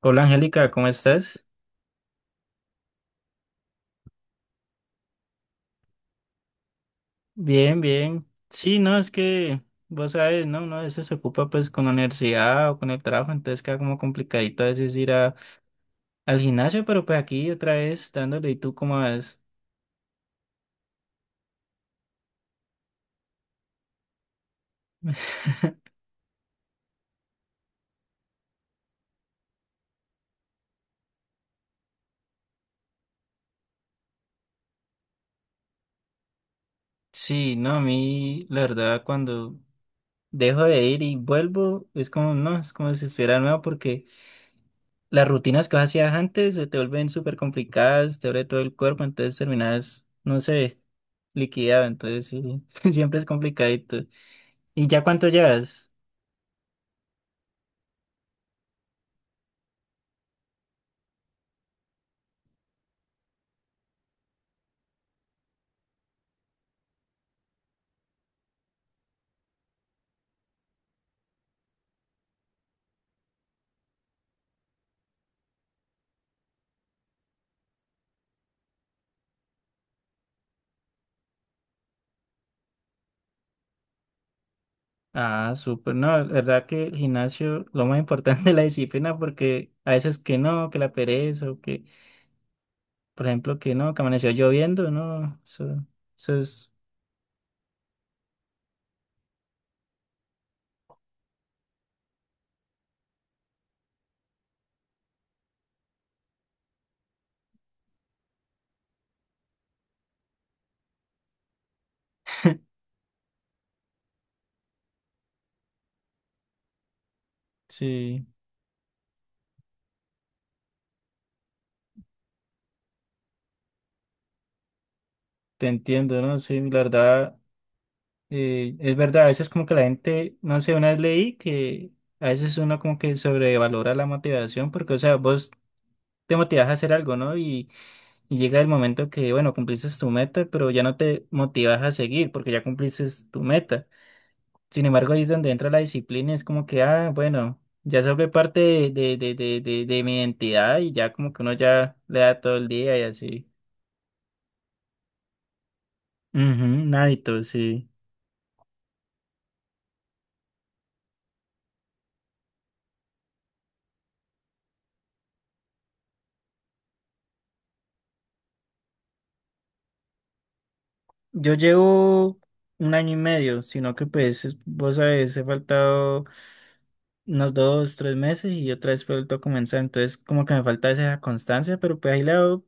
Hola Angélica, ¿cómo estás? Bien, bien. Sí, no, es que vos sabes, no, uno a veces se ocupa pues con la universidad o con el trabajo, entonces queda como complicadito a veces ir a, al gimnasio, pero pues aquí otra vez dándole. ¿Y tú cómo vas? Sí, no, a mí la verdad cuando dejo de ir y vuelvo es como, no, es como si estuviera nuevo porque las rutinas que vos hacías antes se te vuelven súper complicadas, te duele todo el cuerpo, entonces terminas, no sé, liquidado, entonces sí, siempre es complicadito. ¿Y ya cuánto llevas? Ah, súper, no, la verdad que el gimnasio, lo más importante es la disciplina, porque a veces que no, que la pereza, o que, por ejemplo, que no, que amaneció lloviendo, no, eso es, sí, te entiendo, ¿no? Sí, la verdad, es verdad, a veces como que la gente, no sé, una vez leí que a veces uno como que sobrevalora la motivación, porque, o sea, vos te motivas a hacer algo, ¿no? Y llega el momento que, bueno, cumpliste tu meta, pero ya no te motivas a seguir porque ya cumpliste tu meta. Sin embargo, ahí es donde entra la disciplina, es como que, ah, bueno, ya se vuelve parte de mi identidad y ya como que uno ya le da todo el día y así. Ujú, un hábito, sí. Yo llevo 1 año y medio, sino que pues es- vos sabes, he faltado unos 2, 3 meses y otra vez vuelto a comenzar, entonces como que me falta esa constancia, pero pues ahí le hago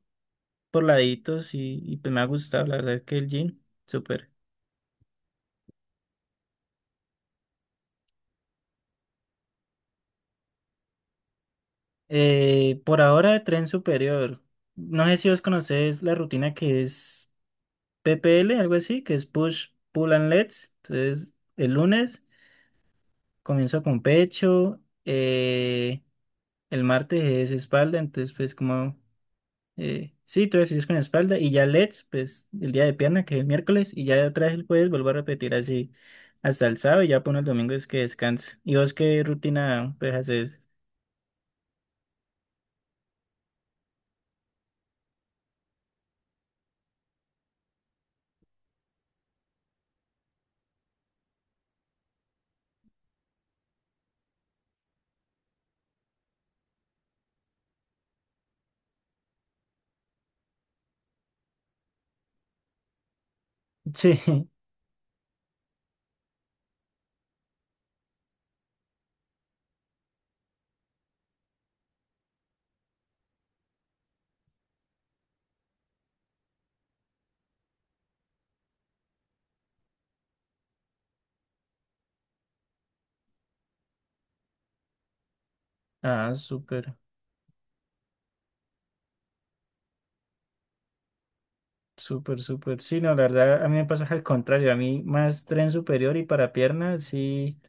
por laditos y pues me ha gustado, la verdad que el gym, súper. Por ahora tren superior, no sé si vos conocés la rutina que es PPL, algo así, que es push, pull and legs, entonces el lunes comienzo con pecho. eh, El martes es espalda, entonces pues como, sí, todo ejercicio es con espalda y ya LEDs, pues el día de pierna, que es el miércoles, y ya otra vez el jueves vuelvo a repetir así hasta el sábado y ya pone el domingo es que descanse. ¿Y vos qué rutina pues haces? Sí, ah, súper, súper, súper. Sí, no, la verdad a mí me pasa al contrario, a mí más tren superior y para pierna, sí,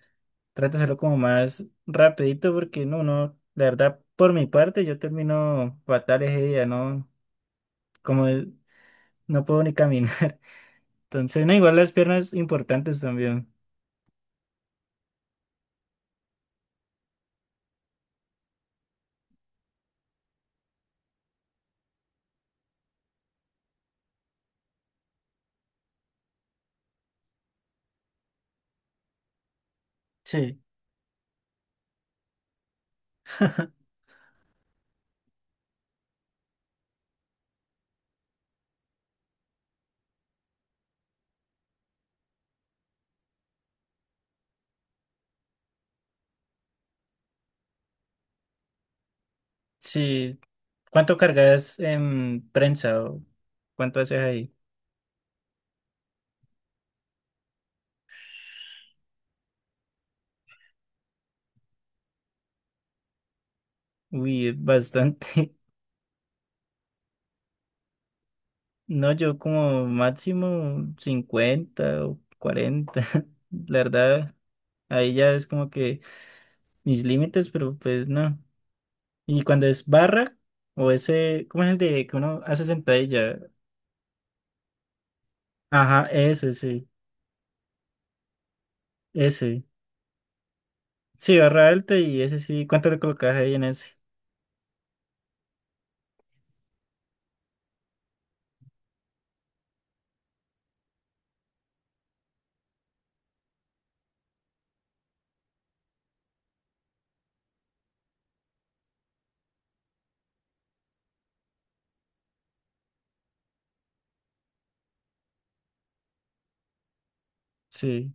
trato de hacerlo como más rapidito porque no, no, la verdad por mi parte yo termino fatal ese día, ¿no? Como no puedo ni caminar. Entonces, no, igual las piernas importantes también. Sí, sí. ¿Cuánto cargas en prensa o cuánto haces ahí? Uy, bastante. No, yo como máximo 50 o 40. La verdad, ahí ya es como que mis límites, pero pues no. Y cuando es barra o ese, ¿cómo es el de que uno hace sentadilla? Ajá, ese. Sí, barra alta y ese sí. ¿Cuánto le colocas ahí en ese? Sí,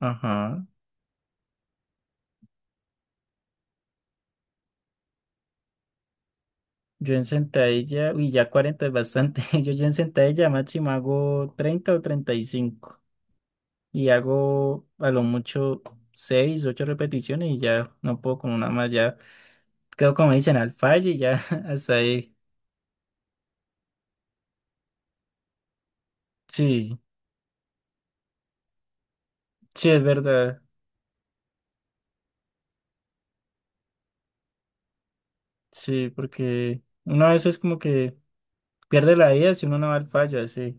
ajá. Yo en sentadilla, uy, ya 40 es bastante. Yo ya en sentadilla máximo hago 30 o 35 y hago a lo mucho seis, 8 repeticiones y ya no puedo con una más. Ya quedo como dicen al fallo y ya hasta ahí. Sí, sí, es verdad. Sí, porque uno a veces como que pierde la vida si uno no va al fallo así.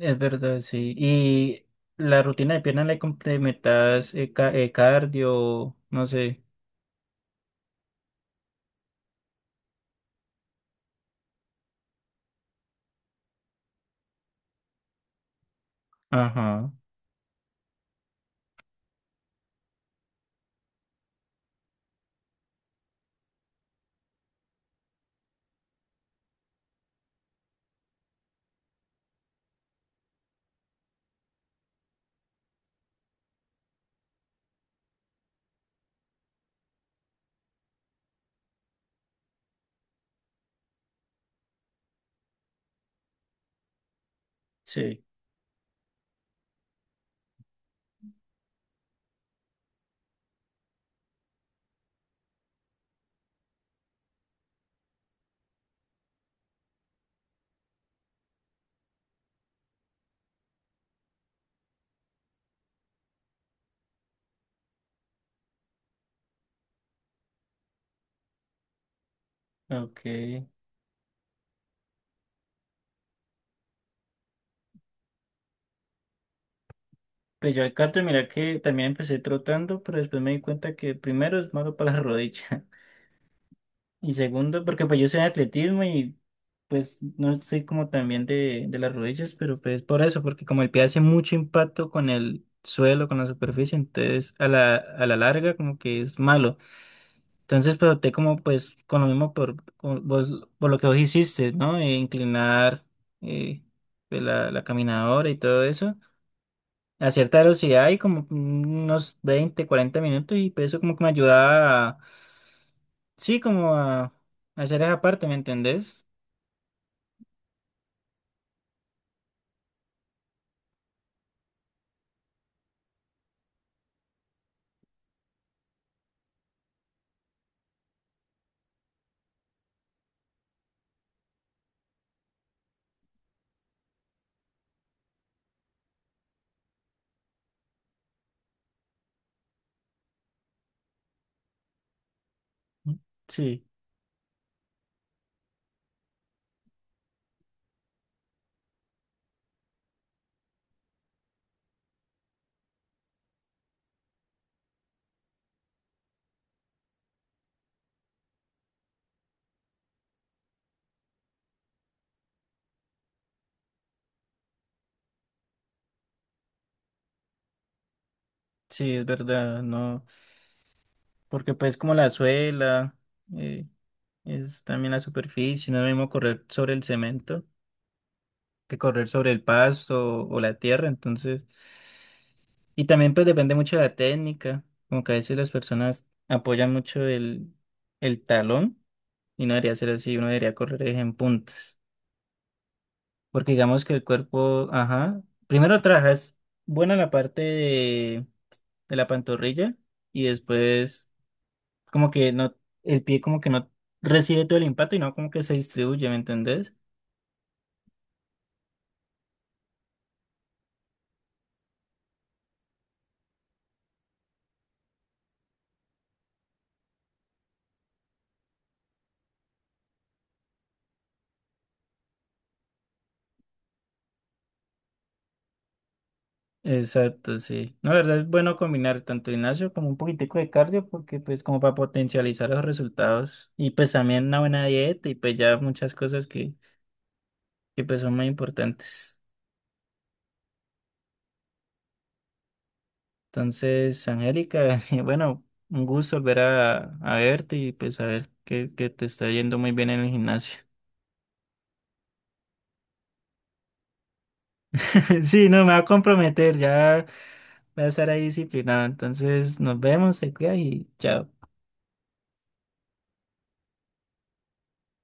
Es verdad, sí. Y la rutina de pierna le complementas ca- cardio, no sé. Ajá, sí, ok. Pues yo al cardio, mira que también empecé trotando, pero después me di cuenta que primero es malo para la rodilla. Y segundo, porque pues yo soy de atletismo y pues no soy como también de las rodillas, pero pues por eso, porque como el pie hace mucho impacto con el suelo, con la superficie, entonces a la larga como que es malo. Entonces, pero te como pues con lo mismo por, con vos- por lo que vos hiciste, ¿no? Inclinar eh, pues, la caminadora y todo eso a cierta velocidad y como unos 20, 40 minutos y pues eso como que me ayudaba a, sí, como a hacer esa parte, ¿me entendés? Sí. Sí, es verdad, no, porque pues como la suela, eh, es también la superficie, no es lo mismo correr sobre el cemento que correr sobre el pasto o, la tierra, entonces, y también pues depende mucho de la técnica, como que a veces las personas apoyan mucho el talón y no debería ser así, uno debería correr es en puntas, porque digamos que el cuerpo, ajá, primero trabajas buena la parte de la pantorrilla y después como que no, el pie como que no recibe todo el impacto y no como que se distribuye, ¿me entendés? Exacto, sí. No, la verdad es bueno combinar tanto gimnasio como un poquitico de cardio porque pues como para potencializar los resultados y pues también una buena dieta y pues ya muchas cosas que pues son muy importantes. Entonces, Angélica, bueno, un gusto volver a verte y pues a ver que te está yendo muy bien en el gimnasio. Sí, no, me va a comprometer, ya voy a estar ahí disciplinado. Entonces, nos vemos, se cuida y chao.